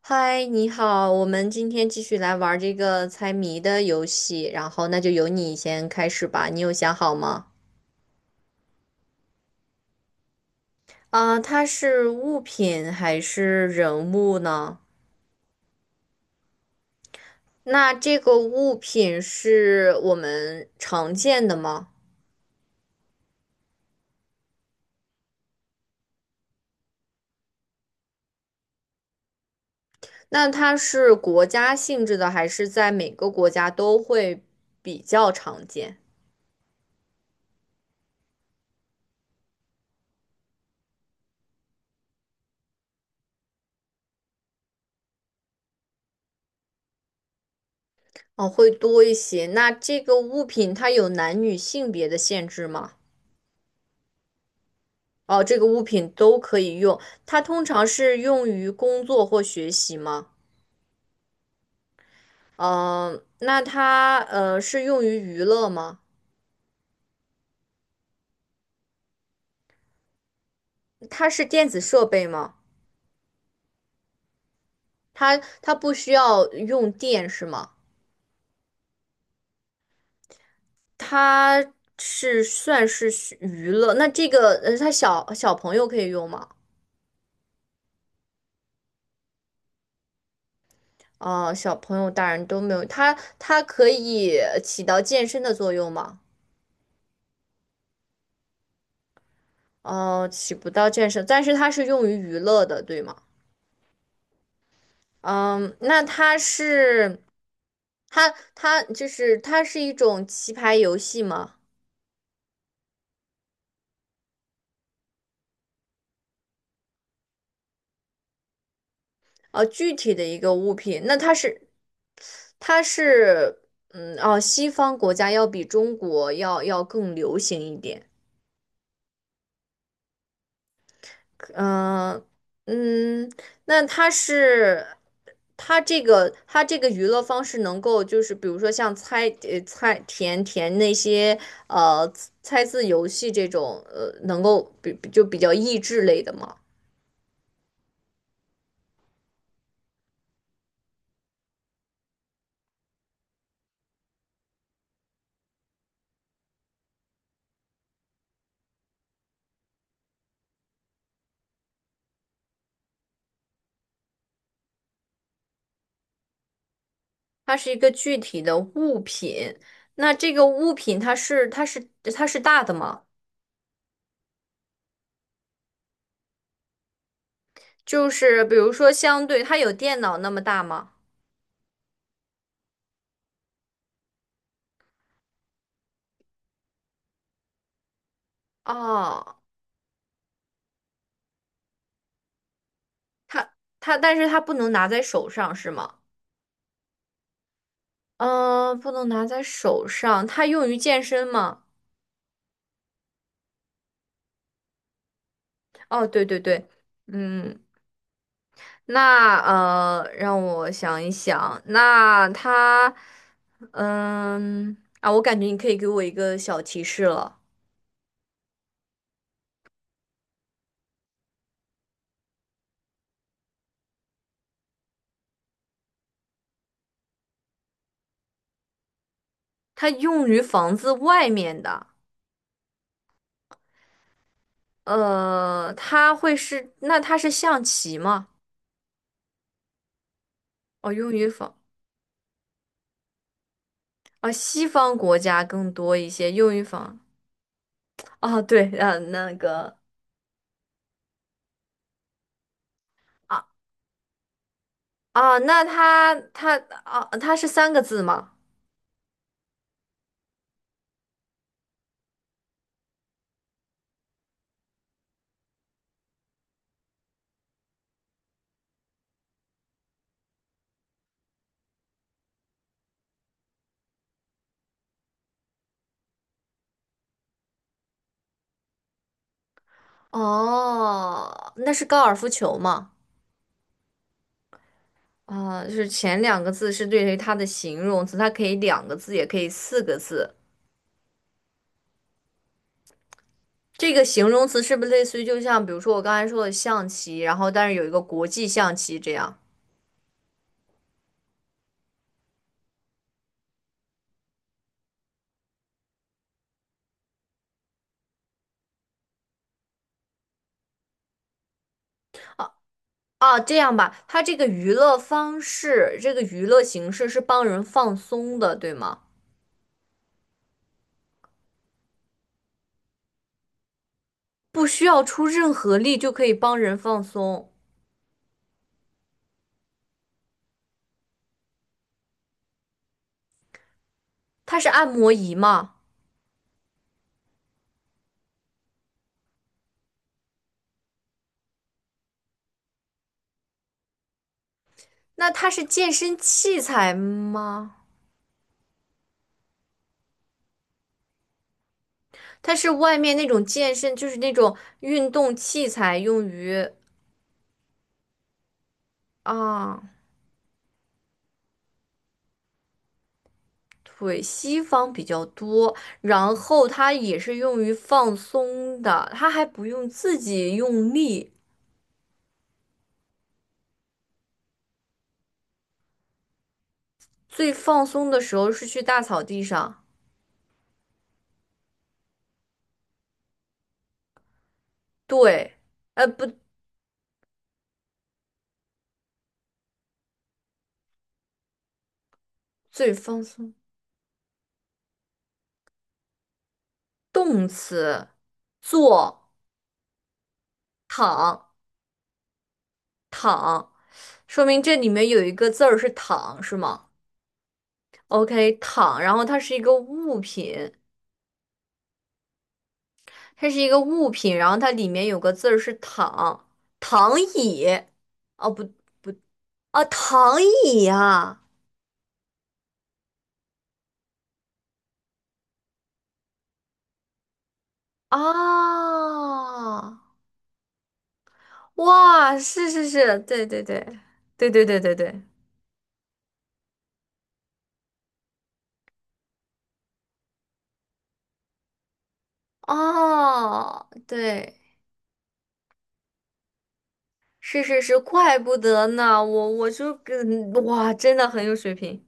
嗨，你好，我们今天继续来玩儿这个猜谜的游戏，然后那就由你先开始吧。你有想好吗？啊、它是物品还是人物呢？那这个物品是我们常见的吗？那它是国家性质的，还是在每个国家都会比较常见？哦，会多一些。那这个物品它有男女性别的限制吗？哦，这个物品都可以用，它通常是用于工作或学习吗？嗯、那它是用于娱乐吗？它是电子设备吗？它不需要用电是吗？它是算是需娱乐，那这个，它小朋友可以用吗？啊、小朋友、大人都没有，它可以起到健身的作用吗？哦、起不到健身，但是它是用于娱乐的，对吗？嗯，那它是它它一种棋牌游戏吗？啊，具体的一个物品，那它是它是嗯哦，西方国家要比中国要更流行一点。嗯嗯，那它是它这个娱乐方式能够就是比如说像猜猜填填那些呃猜字游戏这种能够比较益智类的吗？它是一个具体的物品。那这个物品它是大的吗？就是比如说，相对它有电脑那么大吗？哦，它它，但是它不能拿在手上是吗？嗯、不能拿在手上。它用于健身吗？哦，对对对，嗯，那，让我想一想，那它，我感觉你可以给我一个小提示了，它用于房子外面的。它会是，那它是象棋吗？哦，用于仿，哦，西方国家更多一些用于仿。啊。对，那个啊啊，那它它啊，它是三个字吗？哦，那是高尔夫球吗？啊，就是前两个字是对于它的形容词，它可以两个字，也可以四个字。这个形容词是不是类似于就像比如说我刚才说的象棋，然后但是有一个国际象棋这样？啊，这样吧，它这个娱乐方式，这个娱乐形式是帮人放松的，对吗？不需要出任何力就可以帮人放松。它是按摩仪吗？那它是健身器材吗？它是外面那种健身，就是那种运动器材，用于啊，腿。西方比较多。然后它也是用于放松的，它还不用自己用力。最放松的时候是去大草地上。对，不，最放松。动词，坐、躺、躺，说明这里面有一个字儿是躺，是吗？OK，躺，然后它是一个物品，它是一个物品，然后它里面有个字儿是躺，躺椅。哦，不，啊，躺椅呀，啊，哇，是是是，对对对，对对对对对，哦，对。是是是，怪不得呢，我就跟哇，真的很有水平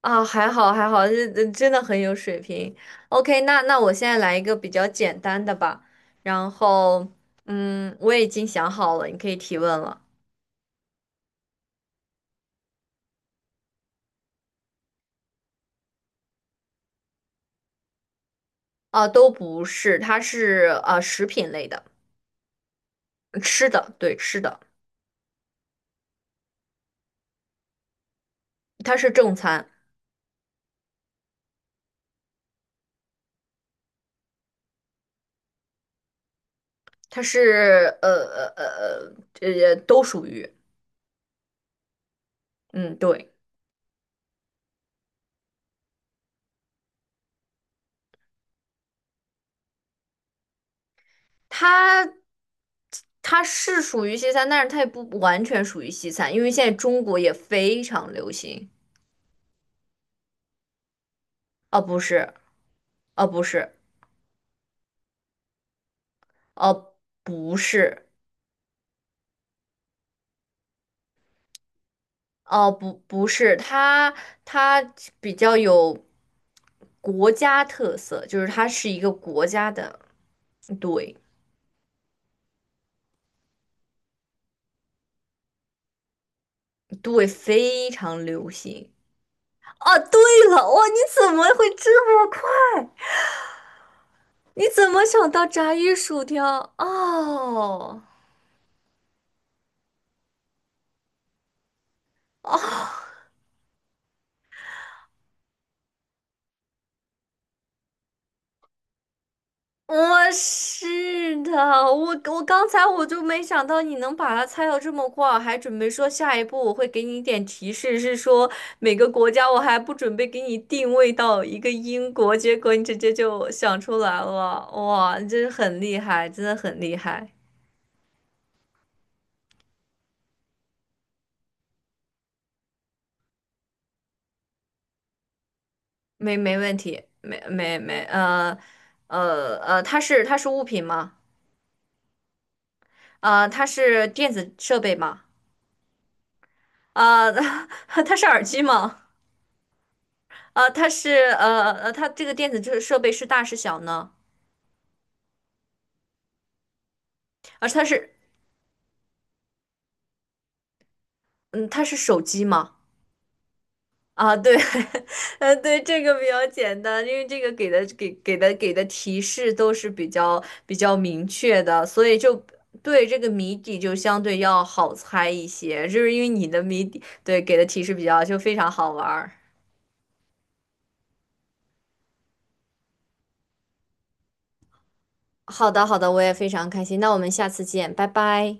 啊，还好还好，这这真的很有水平。OK，那那我现在来一个比较简单的吧，然后嗯，我已经想好了，你可以提问了。啊，都不是，它是啊食品类的，嗯吃的，对，吃的，它是正餐，它是都属于，嗯，对。它它是属于西餐，但是它也不完全属于西餐，因为现在中国也非常流行。哦，不是，哦，不是，哦，不是，哦，不，不是，它它比较有国家特色，就是它是一个国家的，对对，非常流行。哦，对了，哇，你怎么会这么快？你怎么想到炸鱼薯条？哦。哦，我是的，我刚才我就没想到你能把它猜到这么快，还准备说下一步我会给你一点提示，是说每个国家，我还不准备给你定位到一个英国，结果你直接就想出来了，哇，你真是很厉害，真的很厉害，没没问题，没没没，它是它是物品吗？它是电子设备吗？啊，它是耳机吗？它是，它这个电子设备是大是小呢？而它是嗯，它是手机吗？啊，对，对，这个比较简单，因为这个给的给的提示都是比较明确的，所以就对这个谜底就相对要好猜一些，就是因为你的谜底对给的提示比较就非常好玩儿。好的，好的，我也非常开心，那我们下次见，拜拜。